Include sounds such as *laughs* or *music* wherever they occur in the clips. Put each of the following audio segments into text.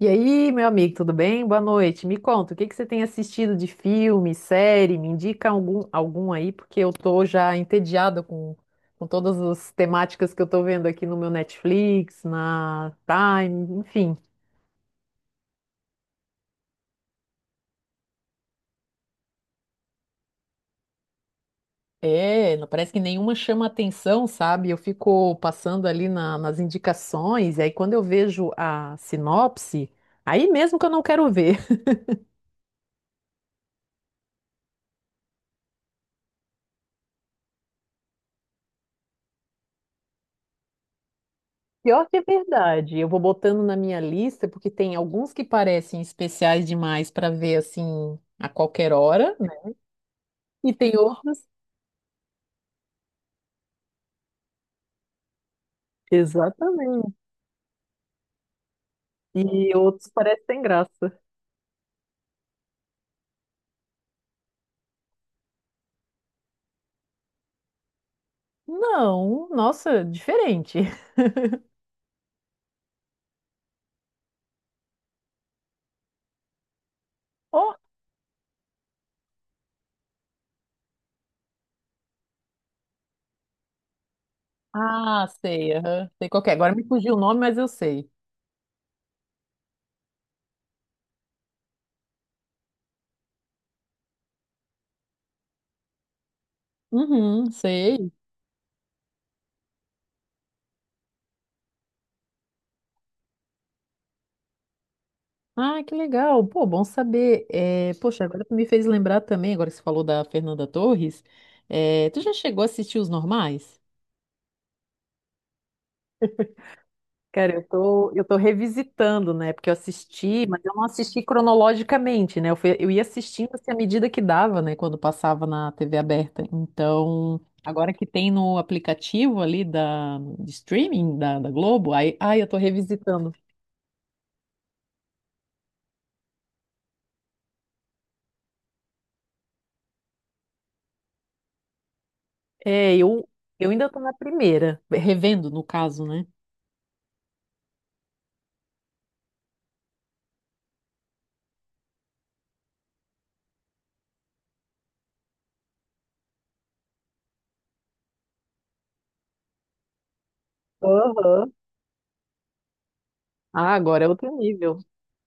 E aí, meu amigo, tudo bem? Boa noite. Me conta, o que que você tem assistido de filme, série? Me indica algum aí, porque eu tô já entediada com todas as temáticas que eu tô vendo aqui no meu Netflix, na Prime, enfim. É, parece que nenhuma chama atenção, sabe? Eu fico passando ali nas indicações, e aí quando eu vejo a sinopse, aí mesmo que eu não quero ver. Pior que é verdade. Eu vou botando na minha lista, porque tem alguns que parecem especiais demais para ver assim a qualquer hora, né? E tem outros. Exatamente. E outros parecem sem graça. Não, nossa, diferente. *laughs* Oh, ah, sei, aham. Sei qual que é. Agora me fugiu o nome, mas eu sei. Uhum, sei. Ah, que legal. Pô, bom saber. É, poxa, agora tu me fez lembrar também, agora que você falou da Fernanda Torres. É, tu já chegou a assistir Os Normais? Cara, eu tô revisitando, né? Porque eu assisti, mas eu não assisti cronologicamente, né? Eu ia assistindo assim à medida que dava, né? Quando passava na TV aberta. Então, agora que tem no aplicativo ali da, de streaming da Globo, aí, ai, eu tô revisitando. É, eu ainda tô na primeira, revendo, no caso, né? Aham. Ah, agora é outro nível.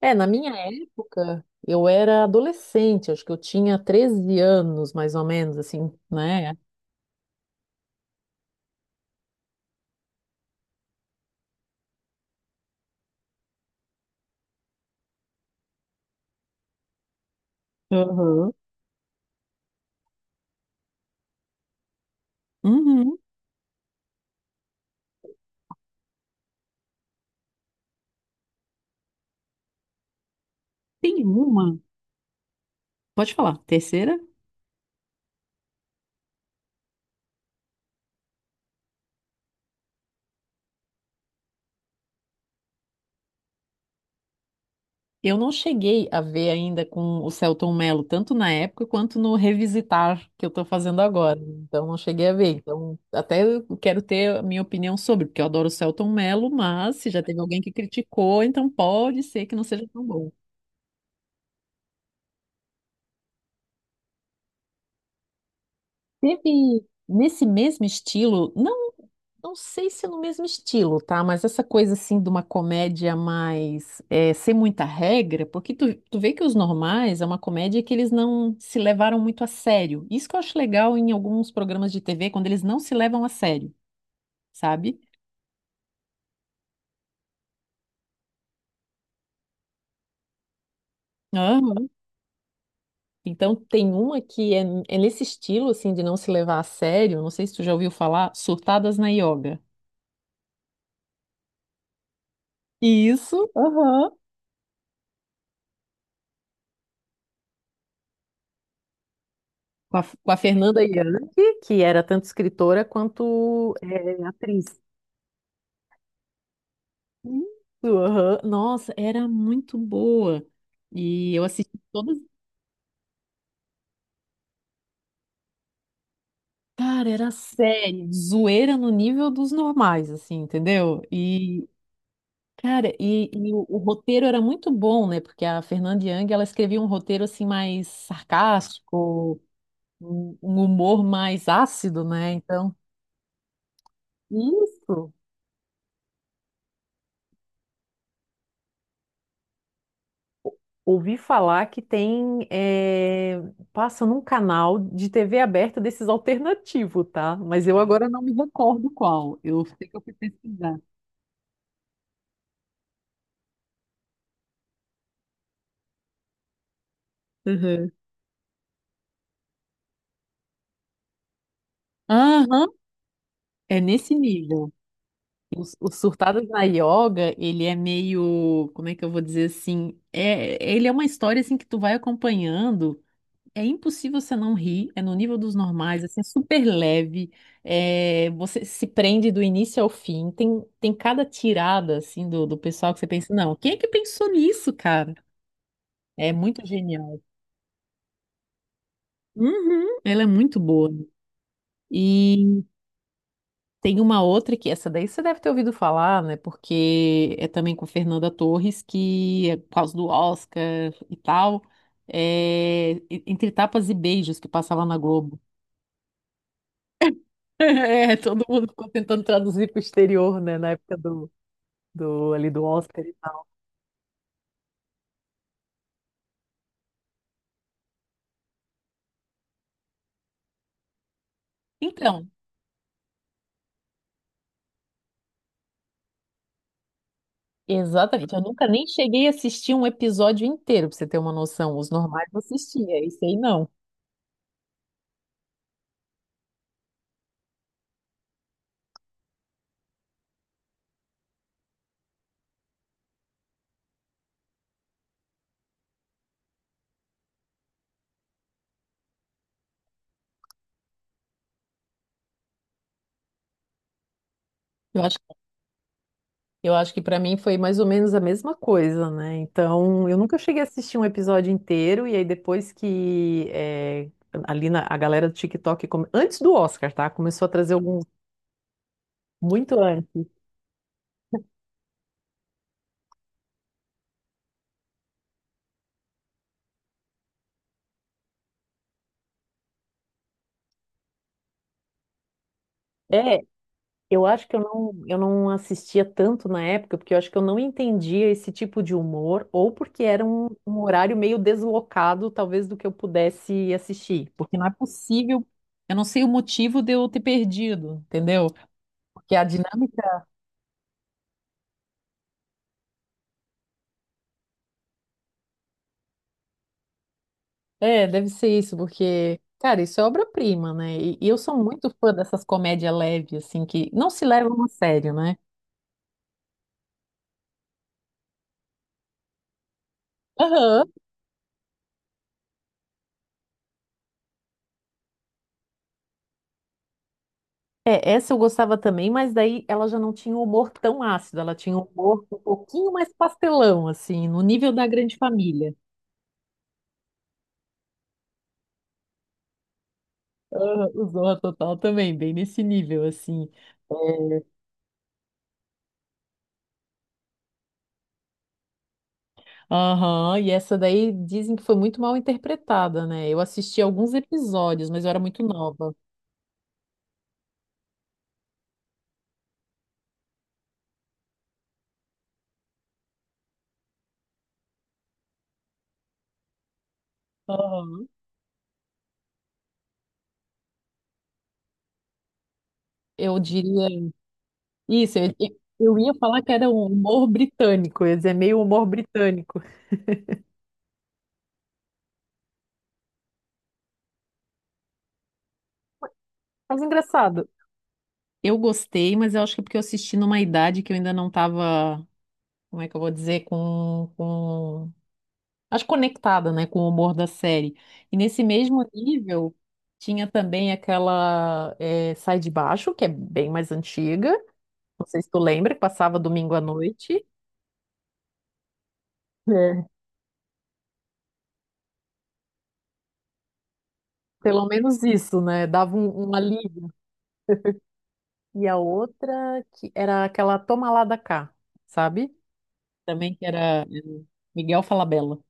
É, na minha época, eu era adolescente, acho que eu tinha 13 anos, mais ou menos, assim, né? Aham. Uhum. Tem uma. Pode falar. Terceira? Eu não cheguei a ver ainda com o Selton Mello, tanto na época quanto no Revisitar que eu tô fazendo agora. Então, não cheguei a ver. Então, até eu quero ter a minha opinião sobre, porque eu adoro o Selton Mello, mas se já teve alguém que criticou, então pode ser que não seja tão bom. Teve nesse mesmo estilo, não? Não sei se é no mesmo estilo, tá? Mas essa coisa assim de uma comédia mais sem muita regra, porque tu vê que os normais é uma comédia que eles não se levaram muito a sério. Isso que eu acho legal em alguns programas de TV, quando eles não se levam a sério, sabe? Aham. Então tem uma que é nesse estilo assim de não se levar a sério. Não sei se tu já ouviu falar, Surtadas na Yoga. Isso, aham. Com a Fernanda Young, que era tanto escritora quanto atriz. Isso, aham. Nossa, era muito boa. E eu assisti todas. Cara, era sério, zoeira no nível dos normais, assim, entendeu? E, cara, e o roteiro era muito bom, né? Porque a Fernanda Young, ela escrevia um roteiro, assim, mais sarcástico, um humor mais ácido, né? Então, isso. Ouvi falar que tem, passa num canal de TV aberta desses alternativos, tá? Mas eu agora não me recordo qual. Eu sei que eu fui pesquisar. Uhum. Aham, é nesse nível. Os Surtadas na Yoga, ele é meio, como é que eu vou dizer assim? É, ele é uma história assim que tu vai acompanhando. É impossível você não rir, é no nível dos normais, assim, é super leve, é, você se prende do início ao fim, tem cada tirada, assim, do pessoal que você pensa, não, quem é que pensou nisso, cara? É muito genial. Uhum, ela é muito boa. E tem uma outra que, essa daí você deve ter ouvido falar, né, porque é também com Fernanda Torres, que é por causa do Oscar e tal, Entre Tapas e Beijos, que passava na Globo. *laughs* É, todo mundo ficou tentando traduzir para o exterior, né? Na época ali do Oscar e tal. Então, exatamente. Eu nunca nem cheguei a assistir um episódio inteiro, para você ter uma noção. Os normais eu assistia, esse aí não. Eu acho, eu acho que para mim foi mais ou menos a mesma coisa, né? Então, eu nunca cheguei a assistir um episódio inteiro, e aí depois que ali a galera do TikTok, antes do Oscar, tá? Começou a trazer alguns muito antes. É, eu acho que eu não assistia tanto na época, porque eu acho que eu não entendia esse tipo de humor, ou porque era um horário meio deslocado, talvez, do que eu pudesse assistir. Porque não é possível, eu não sei o motivo de eu ter perdido, entendeu? Porque a dinâmica. É, deve ser isso, porque, cara, isso é obra-prima, né? E eu sou muito fã dessas comédias leves, assim, que não se levam a sério, né? Aham. É, essa eu gostava também, mas daí ela já não tinha um humor tão ácido, ela tinha um humor um pouquinho mais pastelão, assim, no nível da Grande Família. Aham, o Zorra Total também, bem nesse nível, assim. Aham, e essa daí dizem que foi muito mal interpretada, né? Eu assisti alguns episódios, mas eu era muito nova. Aham. Eu diria isso, eu ia falar que era um humor britânico, ia dizer meio humor britânico. Mas engraçado. Eu gostei, mas eu acho que é porque eu assisti numa idade que eu ainda não estava como é que eu vou dizer, Acho conectada, né, com o humor da série. E nesse mesmo nível, tinha também aquela Sai de Baixo, que é bem mais antiga. Não sei se tu lembra, que passava domingo à noite. É. Pelo menos isso, né? Dava um, um alívio. E a outra que era aquela Toma lá da cá, sabe? Também que era Miguel Falabella.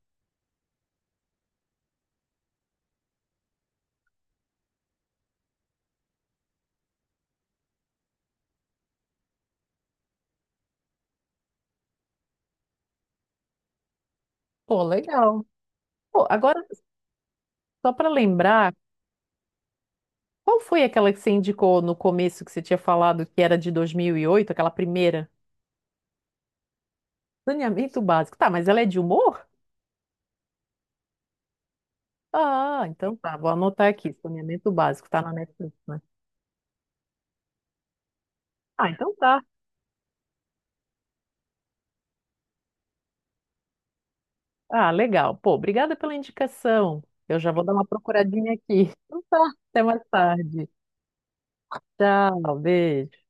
Pô, legal. Pô, agora, só para lembrar, qual foi aquela que você indicou no começo que você tinha falado que era de 2008, aquela primeira? Saneamento básico. Tá, mas ela é de humor? Ah, então tá, vou anotar aqui. Saneamento básico, tá na Netflix, né? Ah, então tá. Ah, legal. Pô, obrigada pela indicação. Eu já vou dar uma procuradinha aqui. Então tá, até mais tarde. Tchau, beijo.